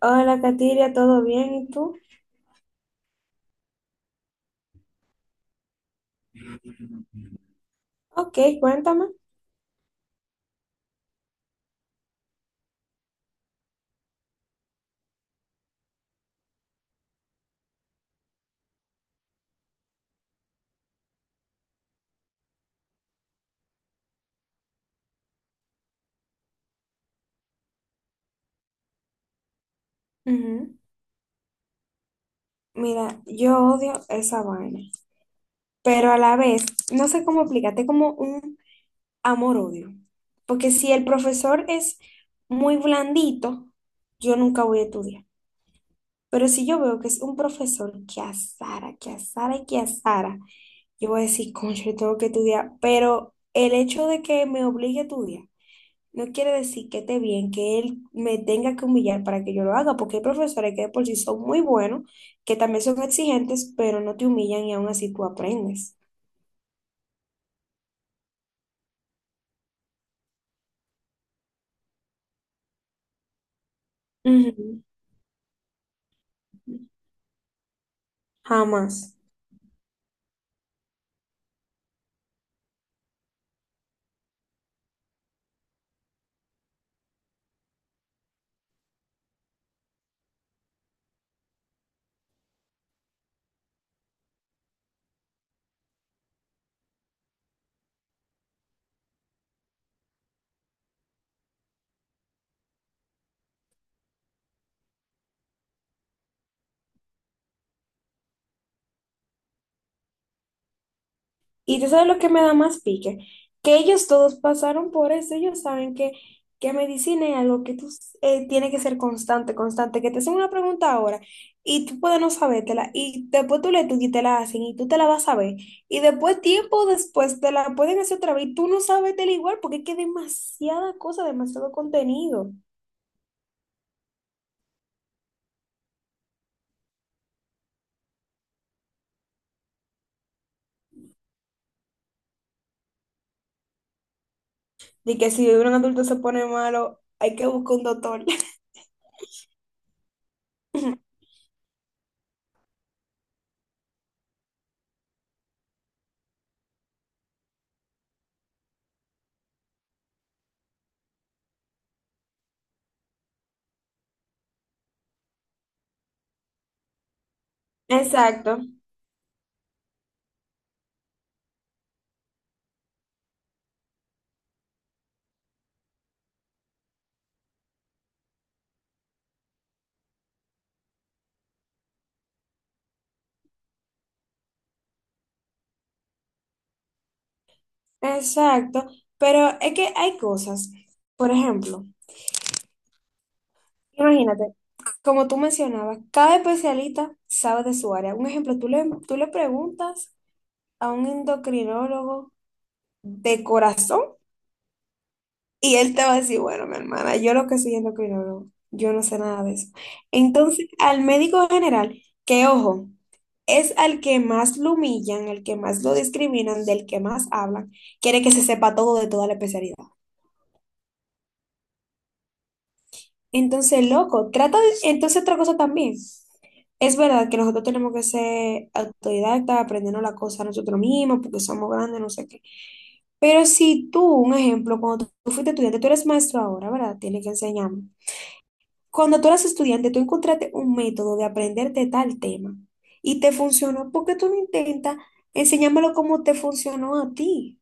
Hola, Katiria, ¿todo bien? ¿Y tú? Ok, cuéntame. Ujú. Mira, yo odio esa vaina, pero a la vez, no sé cómo explicarte, como un amor-odio. Porque si el profesor es muy blandito, yo nunca voy a estudiar. Pero si yo veo que es un profesor que azara y que azara, yo voy a decir, concho, yo tengo que estudiar. Pero el hecho de que me obligue a estudiar, no quiere decir que esté bien que él me tenga que humillar para que yo lo haga, porque hay profesores que de por sí son muy buenos, que también son exigentes, pero no te humillan y aún así tú aprendes. Ujú. Jamás. Y tú sabes lo que me da más pique, que ellos todos pasaron por eso, ellos saben que medicina es algo que tú tienes que ser constante, constante, que te hacen una pregunta ahora y tú puedes no sabértela y después tú le tú y te la hacen y tú te la vas a ver y después tiempo después te la pueden hacer otra vez y tú no sabes del igual porque es que demasiada cosa, demasiado contenido. De que si un adulto se pone malo, hay que buscar un doctor. Exacto. Exacto, pero es que hay cosas. Por ejemplo, imagínate, como tú mencionabas, cada especialista sabe de su área. Un ejemplo, tú le preguntas a un endocrinólogo de corazón y él te va a decir, bueno, mi hermana, yo lo que soy endocrinólogo, yo no sé nada de eso. Entonces, al médico general, que ojo, es al que más lo humillan, al que más lo discriminan, del que más hablan, quiere que se sepa todo de toda la especialidad. Entonces, loco, entonces otra cosa también. Es verdad que nosotros tenemos que ser autodidactas, aprendernos la cosa nosotros mismos, porque somos grandes, no sé qué. Pero si tú, un ejemplo, cuando tú fuiste estudiante, tú eres maestro ahora, ¿verdad? Tienes que enseñarme. Cuando tú eras estudiante, tú encontraste un método de aprenderte tal tema y te funcionó, ¿por qué tú no intentas enseñármelo como te funcionó a ti?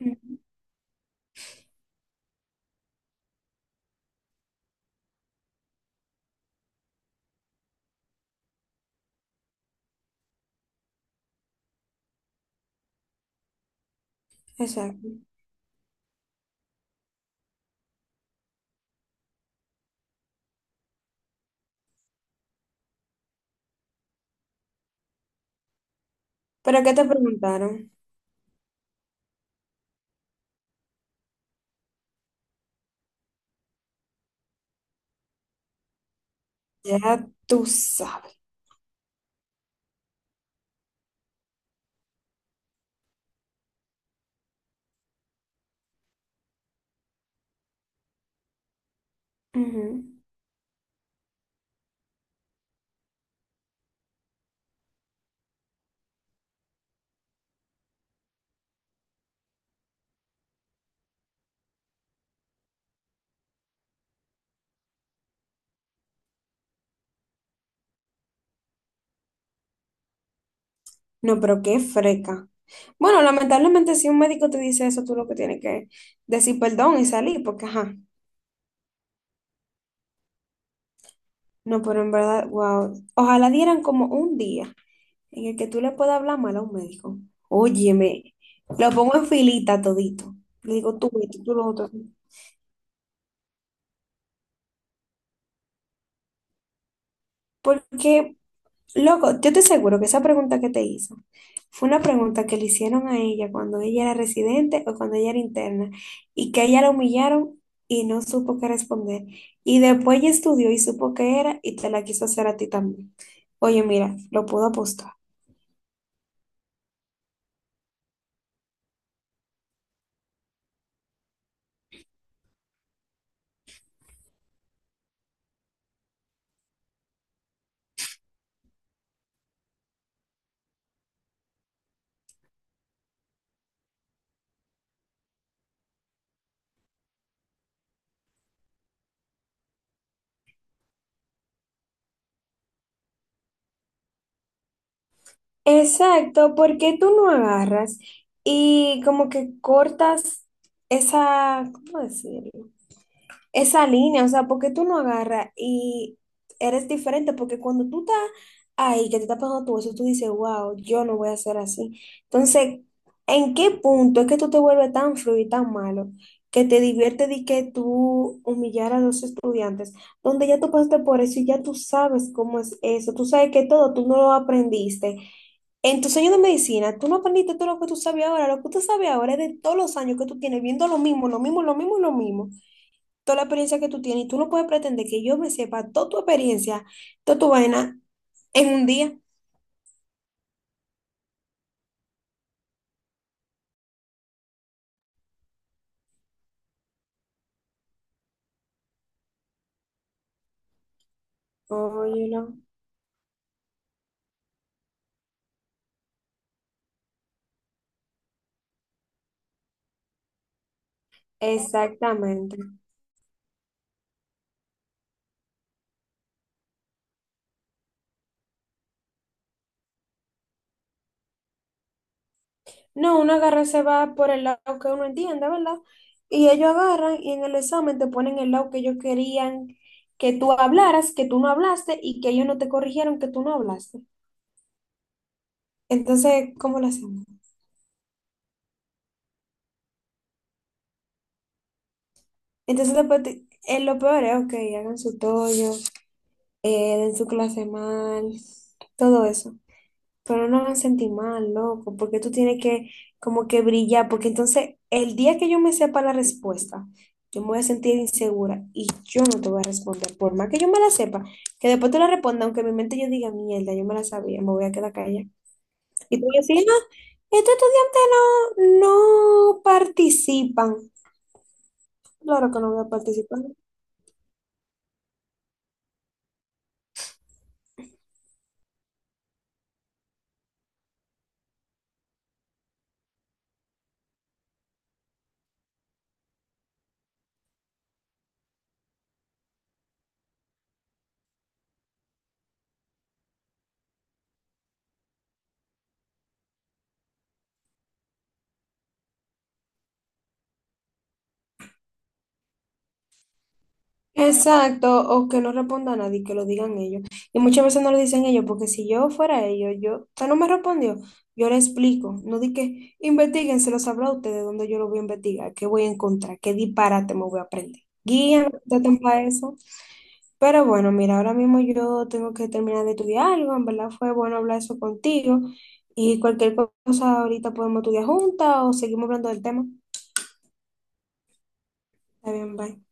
Ujú. Exacto. ¿Pero qué te preguntaron? Ya tú sabes. Ujú. No, pero qué freca. Bueno, lamentablemente si un médico te dice eso, tú lo que tienes que decir perdón y salir, porque ajá, no, pero en verdad, wow, ojalá dieran como un día en el que tú le puedas hablar mal a un médico. Óyeme, lo pongo en filita todito. Le digo tú esto, tú lo otro. Porque loco, yo te aseguro que esa pregunta que te hizo fue una pregunta que le hicieron a ella cuando ella era residente o cuando ella era interna y que a ella la humillaron y no supo qué responder. Y después ella estudió y supo qué era y te la quiso hacer a ti también. Oye, mira, lo puedo apostar. Exacto, porque tú no agarras y como que cortas esa, ¿cómo decirlo? Esa línea, o sea, ¿por qué tú no agarras y eres diferente? Porque cuando tú estás ahí, que te estás pagando tu eso, tú dices, wow, yo no voy a ser así. Entonces, ¿en qué punto es que tú te vuelves tan frío y tan malo que te divierte de que tú humillar a los estudiantes, donde ya tú pasaste por eso y ya tú sabes cómo es eso, tú sabes que todo, tú no lo aprendiste. En tus años de medicina, tú no aprendiste todo lo que tú sabes ahora, lo que tú sabes ahora es de todos los años que tú tienes viendo lo mismo, lo mismo, lo mismo y lo mismo, toda la experiencia que tú tienes, y tú no puedes pretender que yo me sepa toda tu experiencia, toda tu vaina en un día. Oye, no. Exactamente. No, uno agarra y se va por el lado que uno entiende, ¿verdad? Y ellos agarran y en el examen te ponen el lado que ellos querían que tú hablaras, que tú no hablaste y que ellos no te corrigieron que tú no hablaste. Entonces, ¿cómo lo hacemos? Entonces, después, lo peor es, ok, hagan su tollo, den su clase mal, todo eso. Pero no me sentí mal, loco, porque tú tienes que como que brillar, porque entonces el día que yo me sepa la respuesta, yo me voy a sentir insegura y yo no te voy a responder, por más que yo me la sepa, que después te la responda, aunque en mi mente yo diga, mierda, yo me la sabía, me voy a quedar callada. Y tú decís, no, estos estudiantes no participan. Claro que no voy a participar. Exacto, o que no responda a nadie, que lo digan ellos. Y muchas veces no lo dicen ellos, porque si yo fuera ellos, yo, usted no me respondió, yo le explico, no di que investiguen, se lo sabrá usted, de dónde yo lo voy a investigar, qué voy a encontrar, qué disparate me voy a aprender. Guían, traten para eso. Pero bueno, mira, ahora mismo yo tengo que terminar de estudiar algo, en verdad fue bueno hablar eso contigo y cualquier cosa ahorita podemos estudiar juntas o seguimos hablando del tema. Está bien, bye.